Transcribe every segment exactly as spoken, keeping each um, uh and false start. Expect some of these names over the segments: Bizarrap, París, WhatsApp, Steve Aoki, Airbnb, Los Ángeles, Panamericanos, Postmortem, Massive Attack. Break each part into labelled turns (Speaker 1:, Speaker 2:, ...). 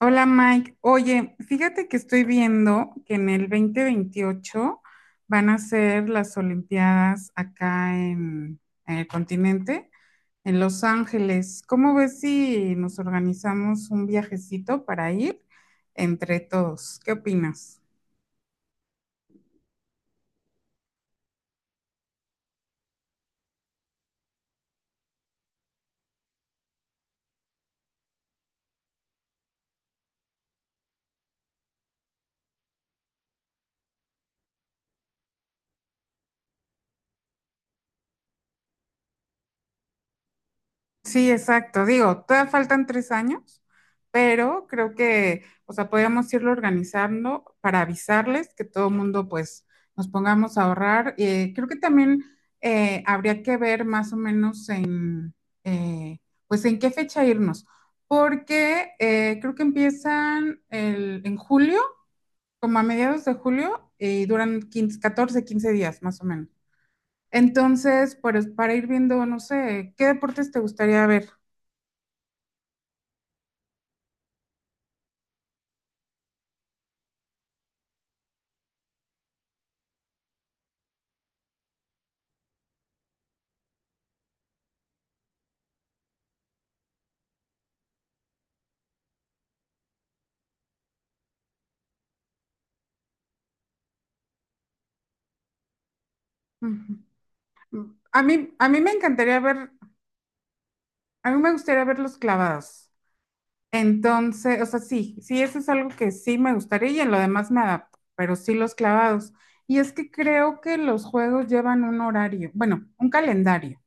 Speaker 1: Hola Mike, oye, fíjate que estoy viendo que en el dos mil veintiocho van a ser las Olimpiadas acá en, en el continente, en Los Ángeles. ¿Cómo ves si nos organizamos un viajecito para ir entre todos? ¿Qué opinas? Sí, exacto. Digo, todavía faltan tres años, pero creo que, o sea, podríamos irlo organizando para avisarles que todo el mundo, pues, nos pongamos a ahorrar. Eh, creo que también eh, habría que ver más o menos en, eh, pues, en qué fecha irnos, porque eh, creo que empiezan el- en julio, como a mediados de julio, y duran quince, catorce, quince días, más o menos. Entonces, pues, para ir viendo, no sé, ¿qué deportes te gustaría ver? Ujú. a mí, a mí me encantaría ver, a mí me gustaría verlos clavados. Entonces, o sea, sí, sí, eso es algo que sí me gustaría y en lo demás me adapto, pero sí los clavados. Y es que creo que los juegos llevan un horario, bueno, un calendario.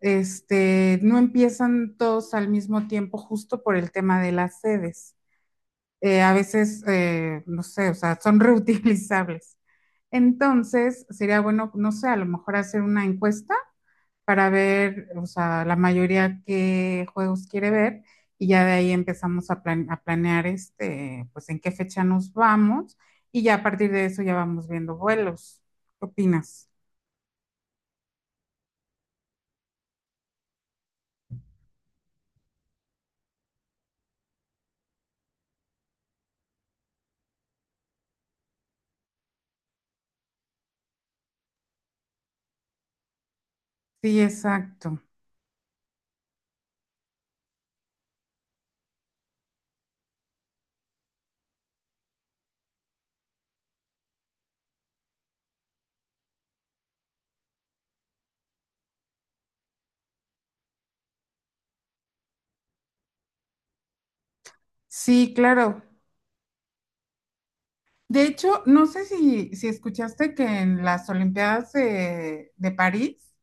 Speaker 1: Este, no empiezan todos al mismo tiempo justo por el tema de las sedes. Eh, a veces, eh, no sé, o sea, son reutilizables. Entonces, sería bueno, no sé, a lo mejor hacer una encuesta para ver, o sea, la mayoría qué juegos quiere ver y ya de ahí empezamos a, plan- a planear este, pues en qué fecha nos vamos y ya a partir de eso ya vamos viendo vuelos. ¿Qué opinas? Sí, exacto. Sí, claro. De hecho, no sé si, si escuchaste que en las Olimpiadas de, de París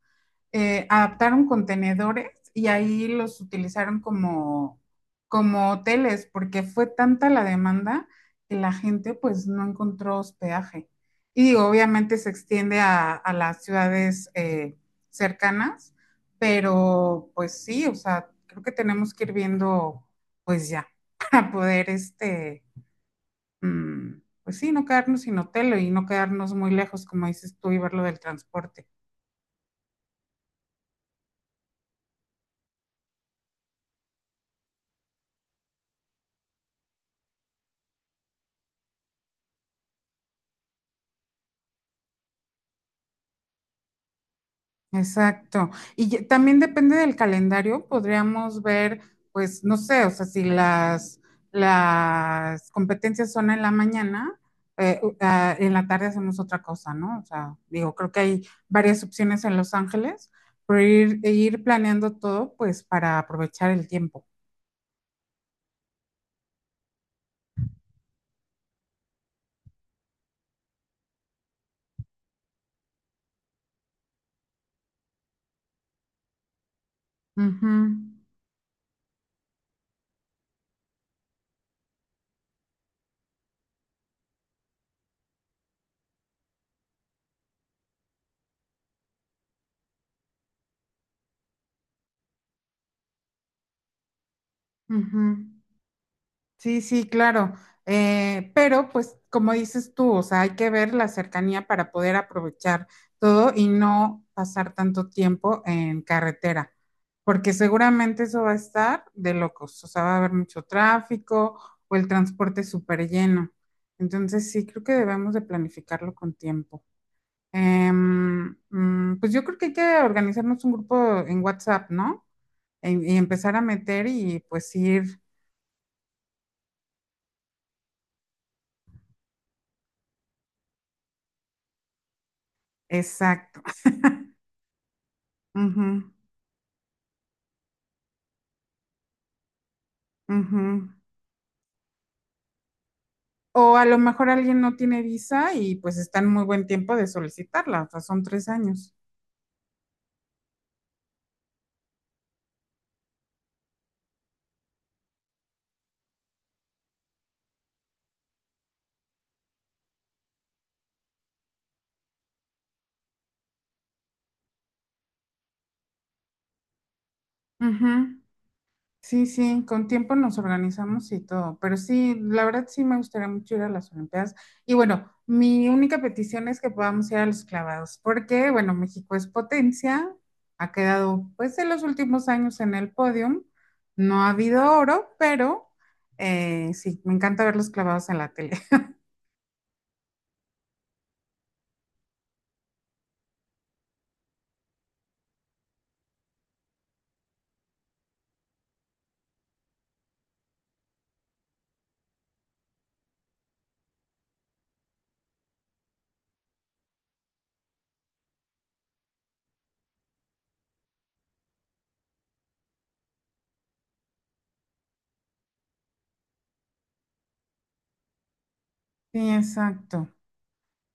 Speaker 1: eh, adaptaron contenedores y ahí los utilizaron como, como hoteles, porque fue tanta la demanda que la gente pues no encontró hospedaje. Y digo, obviamente se extiende a, a las ciudades eh, cercanas, pero pues sí, o sea, creo que tenemos que ir viendo pues ya para poder este, mm, pues sí, no quedarnos sin hotel y no quedarnos muy lejos, como dices tú, y ver lo del transporte. Exacto. Y ya- también depende del calendario, podríamos ver, pues, no sé, o sea, si las, las competencias son en la mañana, eh, u- ah, en la tarde hacemos otra cosa, ¿no? O sea, digo, creo que hay varias opciones en Los Ángeles, pero ir, e ir planeando todo, pues, para aprovechar el tiempo. Ujú, ujú. Sí, sí, claro. Eh, pero pues como dices tú, o sea, hay que ver la cercanía para poder aprovechar todo y no pasar tanto tiempo en carretera, porque seguramente eso va a estar de locos, o sea, va a haber mucho tráfico o el transporte súper lleno. Entonces sí, creo que debemos de planificarlo con tiempo. Em, mm, pues yo creo que hay que organizarnos un grupo en WhatsApp, ¿no? Y, y empezar a meter y pues ir, exacto. Ujú, ujú. O a lo mejor alguien no tiene visa y pues está en muy buen tiempo de solicitarla, o sea, son tres años. Ujú. Sí, sí, con tiempo nos organizamos y todo, pero sí, la verdad sí me gustaría mucho ir a las Olimpiadas. Y bueno, mi única petición es que podamos ir a los clavados, porque bueno, México es potencia, ha quedado pues en los últimos años en el podium, no ha habido oro, pero eh, sí, me encanta ver los clavados en la tele. Sí, exacto.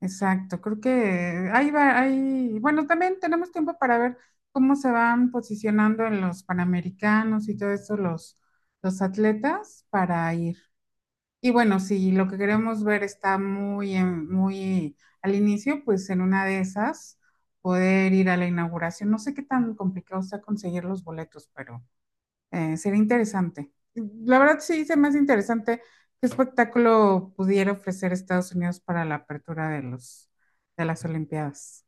Speaker 1: Exacto, creo que ahí va, ahí, bueno, también tenemos tiempo para ver cómo se van posicionando en los Panamericanos y todo eso los, los atletas para ir. Y bueno, si lo que queremos ver está muy, en- muy al inicio, pues en una de esas poder ir a la inauguración. No sé qué tan complicado sea conseguir los boletos, pero eh, sería interesante. La verdad sí se me hace interesante qué espectáculo pudiera ofrecer Estados Unidos para la apertura de los, de las Olimpiadas.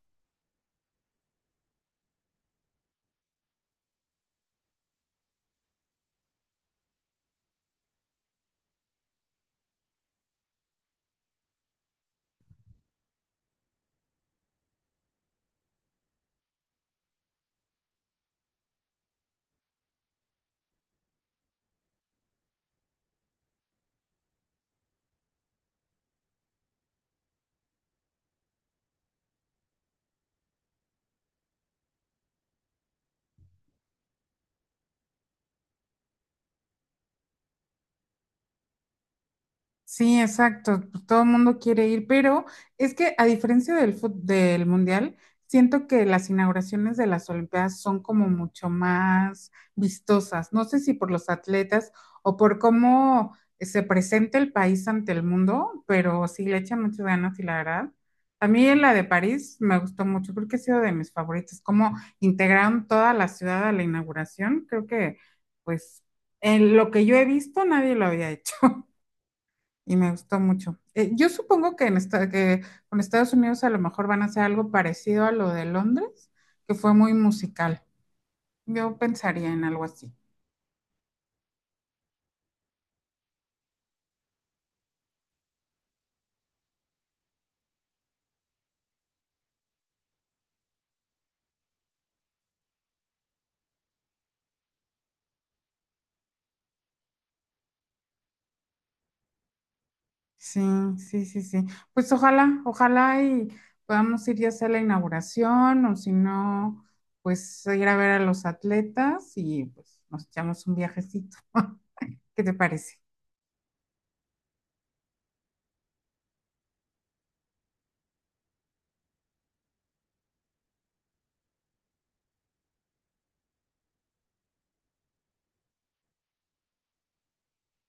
Speaker 1: Sí, exacto. pues, Todo el mundo quiere ir, pero es que a diferencia del fut- del mundial, siento que las inauguraciones de las Olimpiadas son como mucho más vistosas. No sé si por los atletas o por cómo se presenta el país ante el mundo, pero sí le echan muchas ganas y la verdad. A mí en la de París me gustó mucho, creo que ha sido de mis favoritas. Cómo integraron toda la ciudad a la inauguración, creo que pues en lo que yo he visto nadie lo había hecho. Y me gustó mucho. Eh, yo supongo que, en esta- que con Estados Unidos a lo mejor van a hacer algo parecido a lo de Londres, que fue muy musical. Yo pensaría en algo así. Sí, sí, sí, sí. Pues ojalá, ojalá y podamos ir ya sea a la inauguración o si no, pues ir a ver a los atletas y pues nos echamos un viajecito. ¿Qué te parece?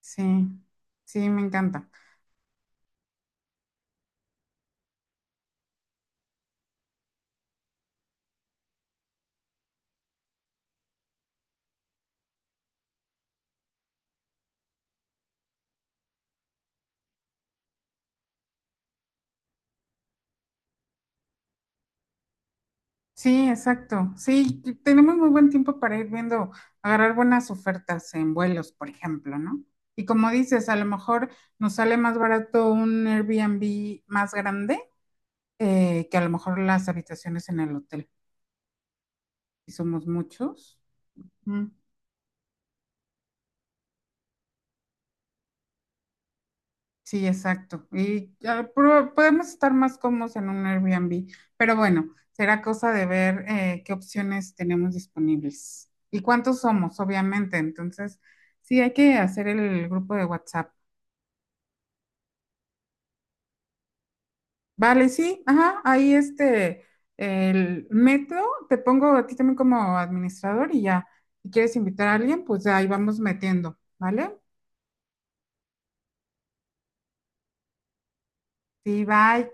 Speaker 1: Sí, sí, me encanta. Sí, exacto. Sí, t- tenemos muy buen tiempo para ir viendo, agarrar buenas ofertas en vuelos, por ejemplo, ¿no? Y como dices, a lo mejor nos sale más barato un Airbnb más grande eh, que a lo mejor las habitaciones en el hotel. Si somos muchos. Mm. Sí, exacto. Y ya pro- podemos estar más cómodos en un Airbnb, pero bueno, será cosa de ver eh, qué opciones tenemos disponibles y cuántos somos, obviamente. Entonces, sí, hay que hacer el grupo de WhatsApp. Vale, sí, ajá, ahí este, el metro, te pongo a ti también como administrador y ya, si quieres invitar a alguien, pues ahí vamos metiendo, ¿vale? Sí, bye.